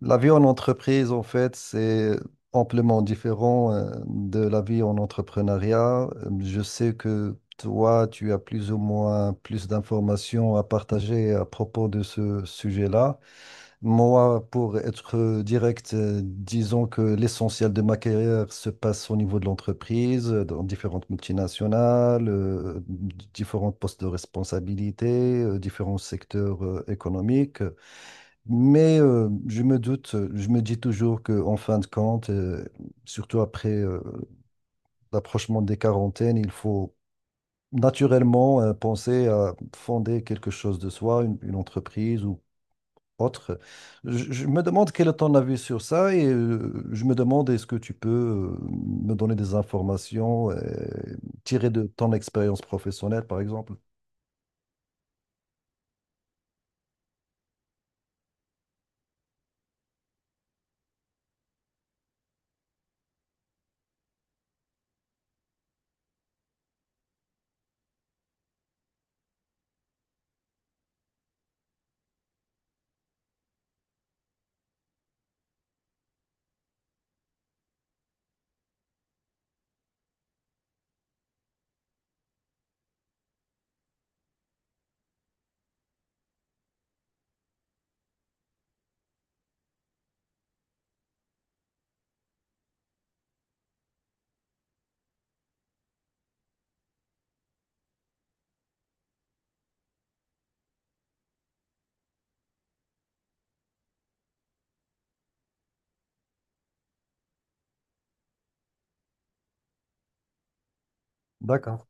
La vie en entreprise, en fait, c'est amplement différent de la vie en entrepreneuriat. Je sais que toi, tu as plus ou moins plus d'informations à partager à propos de ce sujet-là. Moi, pour être direct, disons que l'essentiel de ma carrière se passe au niveau de l'entreprise, dans différentes multinationales, différents postes de responsabilité, différents secteurs économiques. Mais je me doute, je me dis toujours qu'en fin de compte, surtout après l'approchement des quarantaines, il faut naturellement penser à fonder quelque chose de soi, une entreprise ou autre. Je me demande quel est ton avis sur ça et je me demande est-ce que tu peux me donner des informations tirées de ton expérience professionnelle, par exemple. D'accord.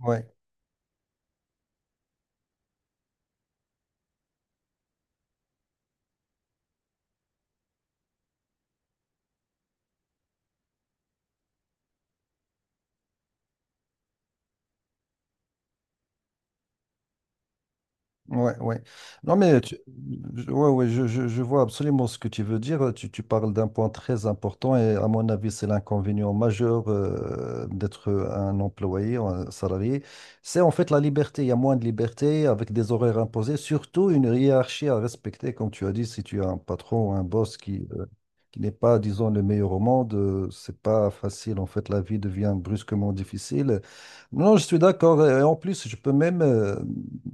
Oui. Ouais, ouais. Non, mais ouais, ouais, je vois absolument ce que tu veux dire. Tu parles d'un point très important et à mon avis, c'est l'inconvénient majeur d'être un employé, un salarié. C'est en fait la liberté. Il y a moins de liberté avec des horaires imposés, surtout une hiérarchie à respecter. Comme tu as dit, si tu as un patron ou un boss qui n'est pas, disons, le meilleur au monde, c'est pas facile. En fait, la vie devient brusquement difficile. Non, je suis d'accord. Et en plus, je peux même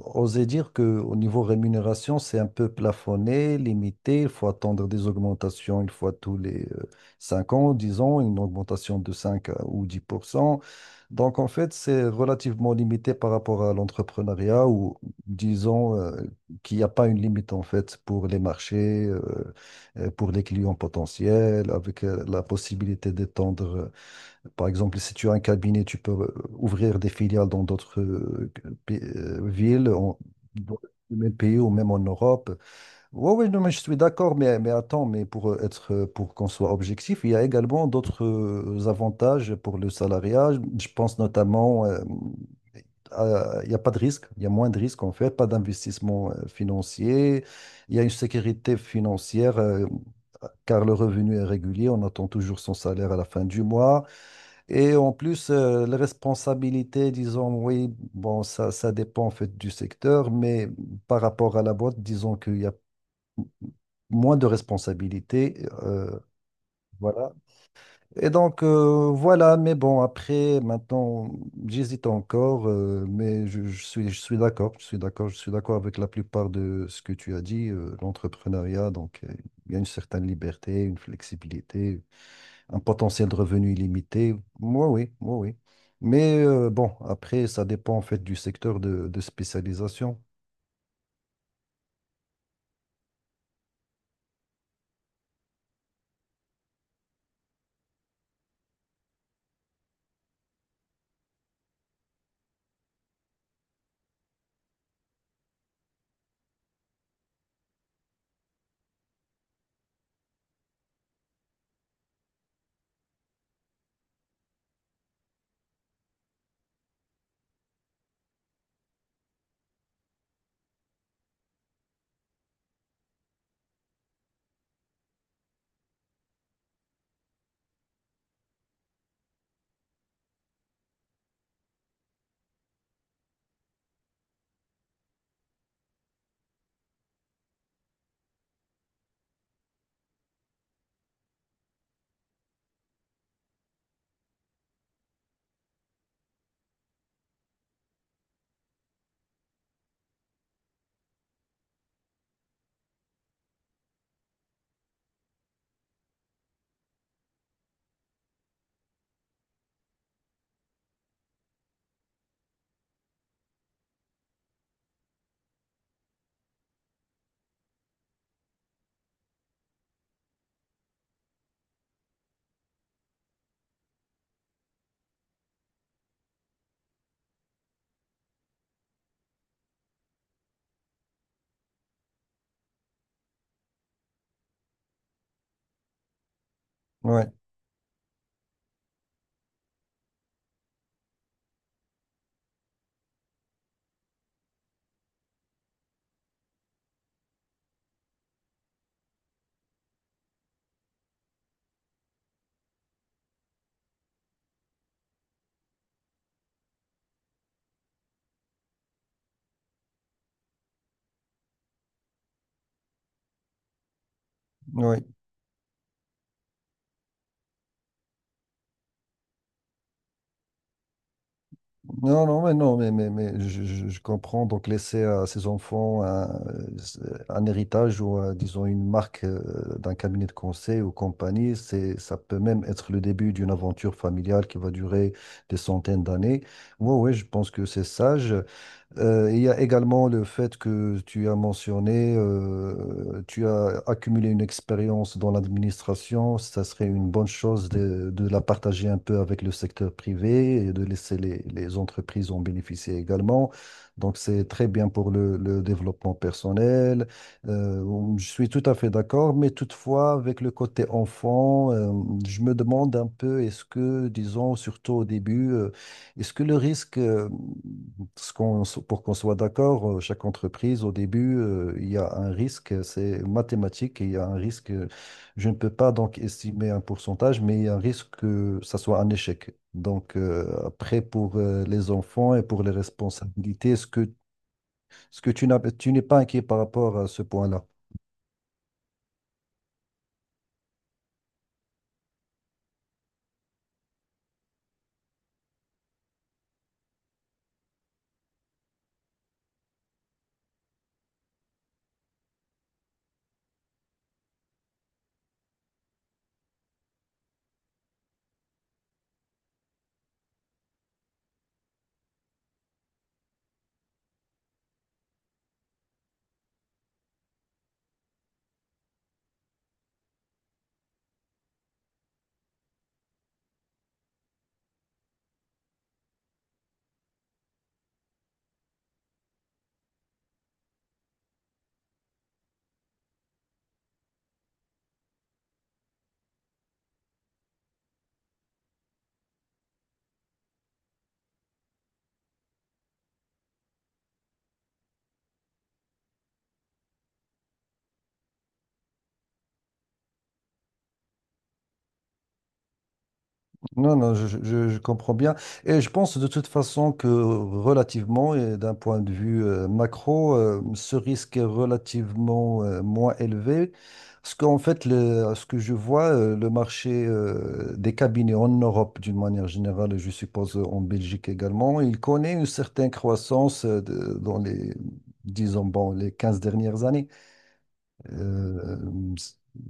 oser dire qu'au niveau rémunération, c'est un peu plafonné, limité. Il faut attendre des augmentations une fois tous les 5 ans, 10 ans, une augmentation de 5 ou 10%. Donc, en fait, c'est relativement limité par rapport à l'entrepreneuriat ou, disons, qu'il n'y a pas une limite, en fait, pour les marchés, pour les clients potentiels, avec la possibilité d'étendre par exemple, si tu as un cabinet, tu peux ouvrir des filiales dans d'autres villes, dans le même pays ou même en Europe. Oui, oui, non, mais je suis d'accord, mais attends, mais pour être, pour qu'on soit objectif, il y a également d'autres avantages pour le salariat. Je pense notamment, il n'y a pas de risque, il y a moins de risques en fait, pas d'investissement financier, il y a une sécurité financière, car le revenu est régulier, on attend toujours son salaire à la fin du mois. Et en plus, les responsabilités, disons, oui, bon, ça dépend en fait du secteur, mais par rapport à la boîte, disons qu'il y a moins de responsabilités. Voilà. Et donc, voilà, mais bon, après, maintenant, j'hésite encore, mais je suis d'accord, je suis d'accord, je suis d'accord avec la plupart de ce que tu as dit, l'entrepreneuriat, donc, il y a une certaine liberté, une flexibilité un potentiel de revenu illimité. Moi, oui, moi, oui. Mais bon, après, ça dépend en fait du secteur de spécialisation. Ouais, ouais. Non, non, mais non, mais je comprends. Donc, laisser à ses enfants un héritage ou, disons, une marque d'un cabinet de conseil ou compagnie, c'est, ça peut même être le début d'une aventure familiale qui va durer des centaines d'années. Oui, oui, je pense que c'est sage. Il y a également le fait que tu as mentionné, tu as accumulé une expérience dans l'administration. Ça serait une bonne chose de la partager un peu avec le secteur privé et de laisser les entreprises en bénéficier également. Donc, c'est très bien pour le développement personnel. Euh, je suis tout à fait d'accord, mais toutefois, avec le côté enfant, je me demande un peu, est-ce que, disons, surtout au début, est-ce que le risque, parce pour qu'on soit d'accord, chaque entreprise, au début, il y a un risque, c'est mathématique, et il y a un risque, je ne peux pas donc estimer un pourcentage, mais il y a un risque que ça soit un échec. Donc après, pour les enfants et pour les responsabilités, est-ce que tu n'es pas inquiet par rapport à ce point-là? Non, non, je comprends bien. Et je pense de toute façon que relativement, et d'un point de vue macro, ce risque est relativement moins élevé. Parce qu'en fait, ce que je vois, le marché des cabinets en Europe, d'une manière générale, et je suppose en Belgique également, il connaît une certaine croissance dans les, disons, bon, les 15 dernières années. Euh,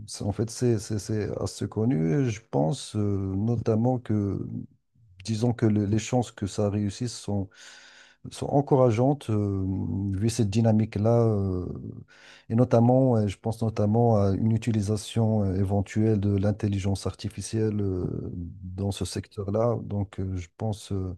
c'est- en fait, c'est assez connu. Et je pense notamment que disons que les chances que ça réussisse sont, encourageantes vu cette dynamique-là. Et notamment, je pense notamment à une utilisation éventuelle de l'intelligence artificielle dans ce secteur-là. Donc, je pense euh,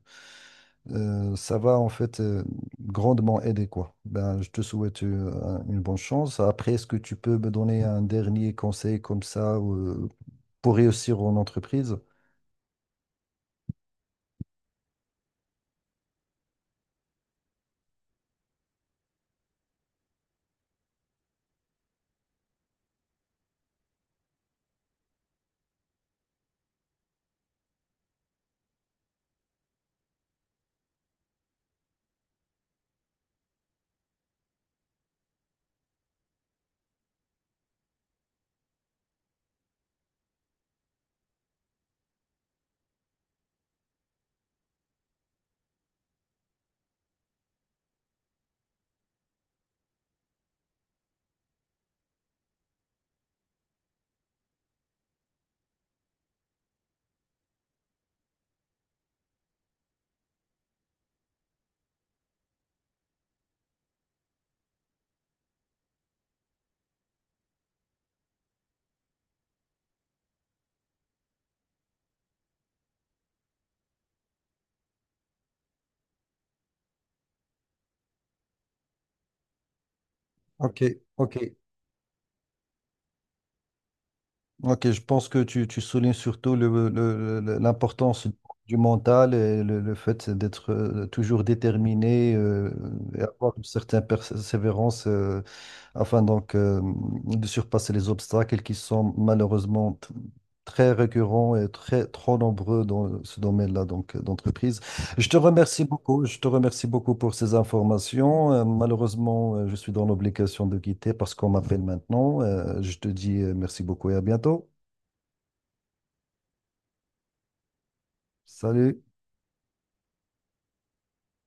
euh, ça va en fait grandement aider, quoi. Ben, je te souhaite une bonne chance. Après, est-ce que tu peux me donner un dernier conseil comme ça pour réussir en entreprise? Ok, ok, ok. Je pense que tu soulignes surtout l'importance du mental et le fait d'être toujours déterminé et avoir une certaine persévérance, afin donc de surpasser les obstacles qui sont malheureusement très récurrents et très trop nombreux dans ce domaine-là donc d'entreprise. Je te remercie beaucoup, je te remercie beaucoup pour ces informations. Malheureusement, je suis dans l'obligation de quitter parce qu'on m'appelle maintenant. Je te dis merci beaucoup et à bientôt. Salut.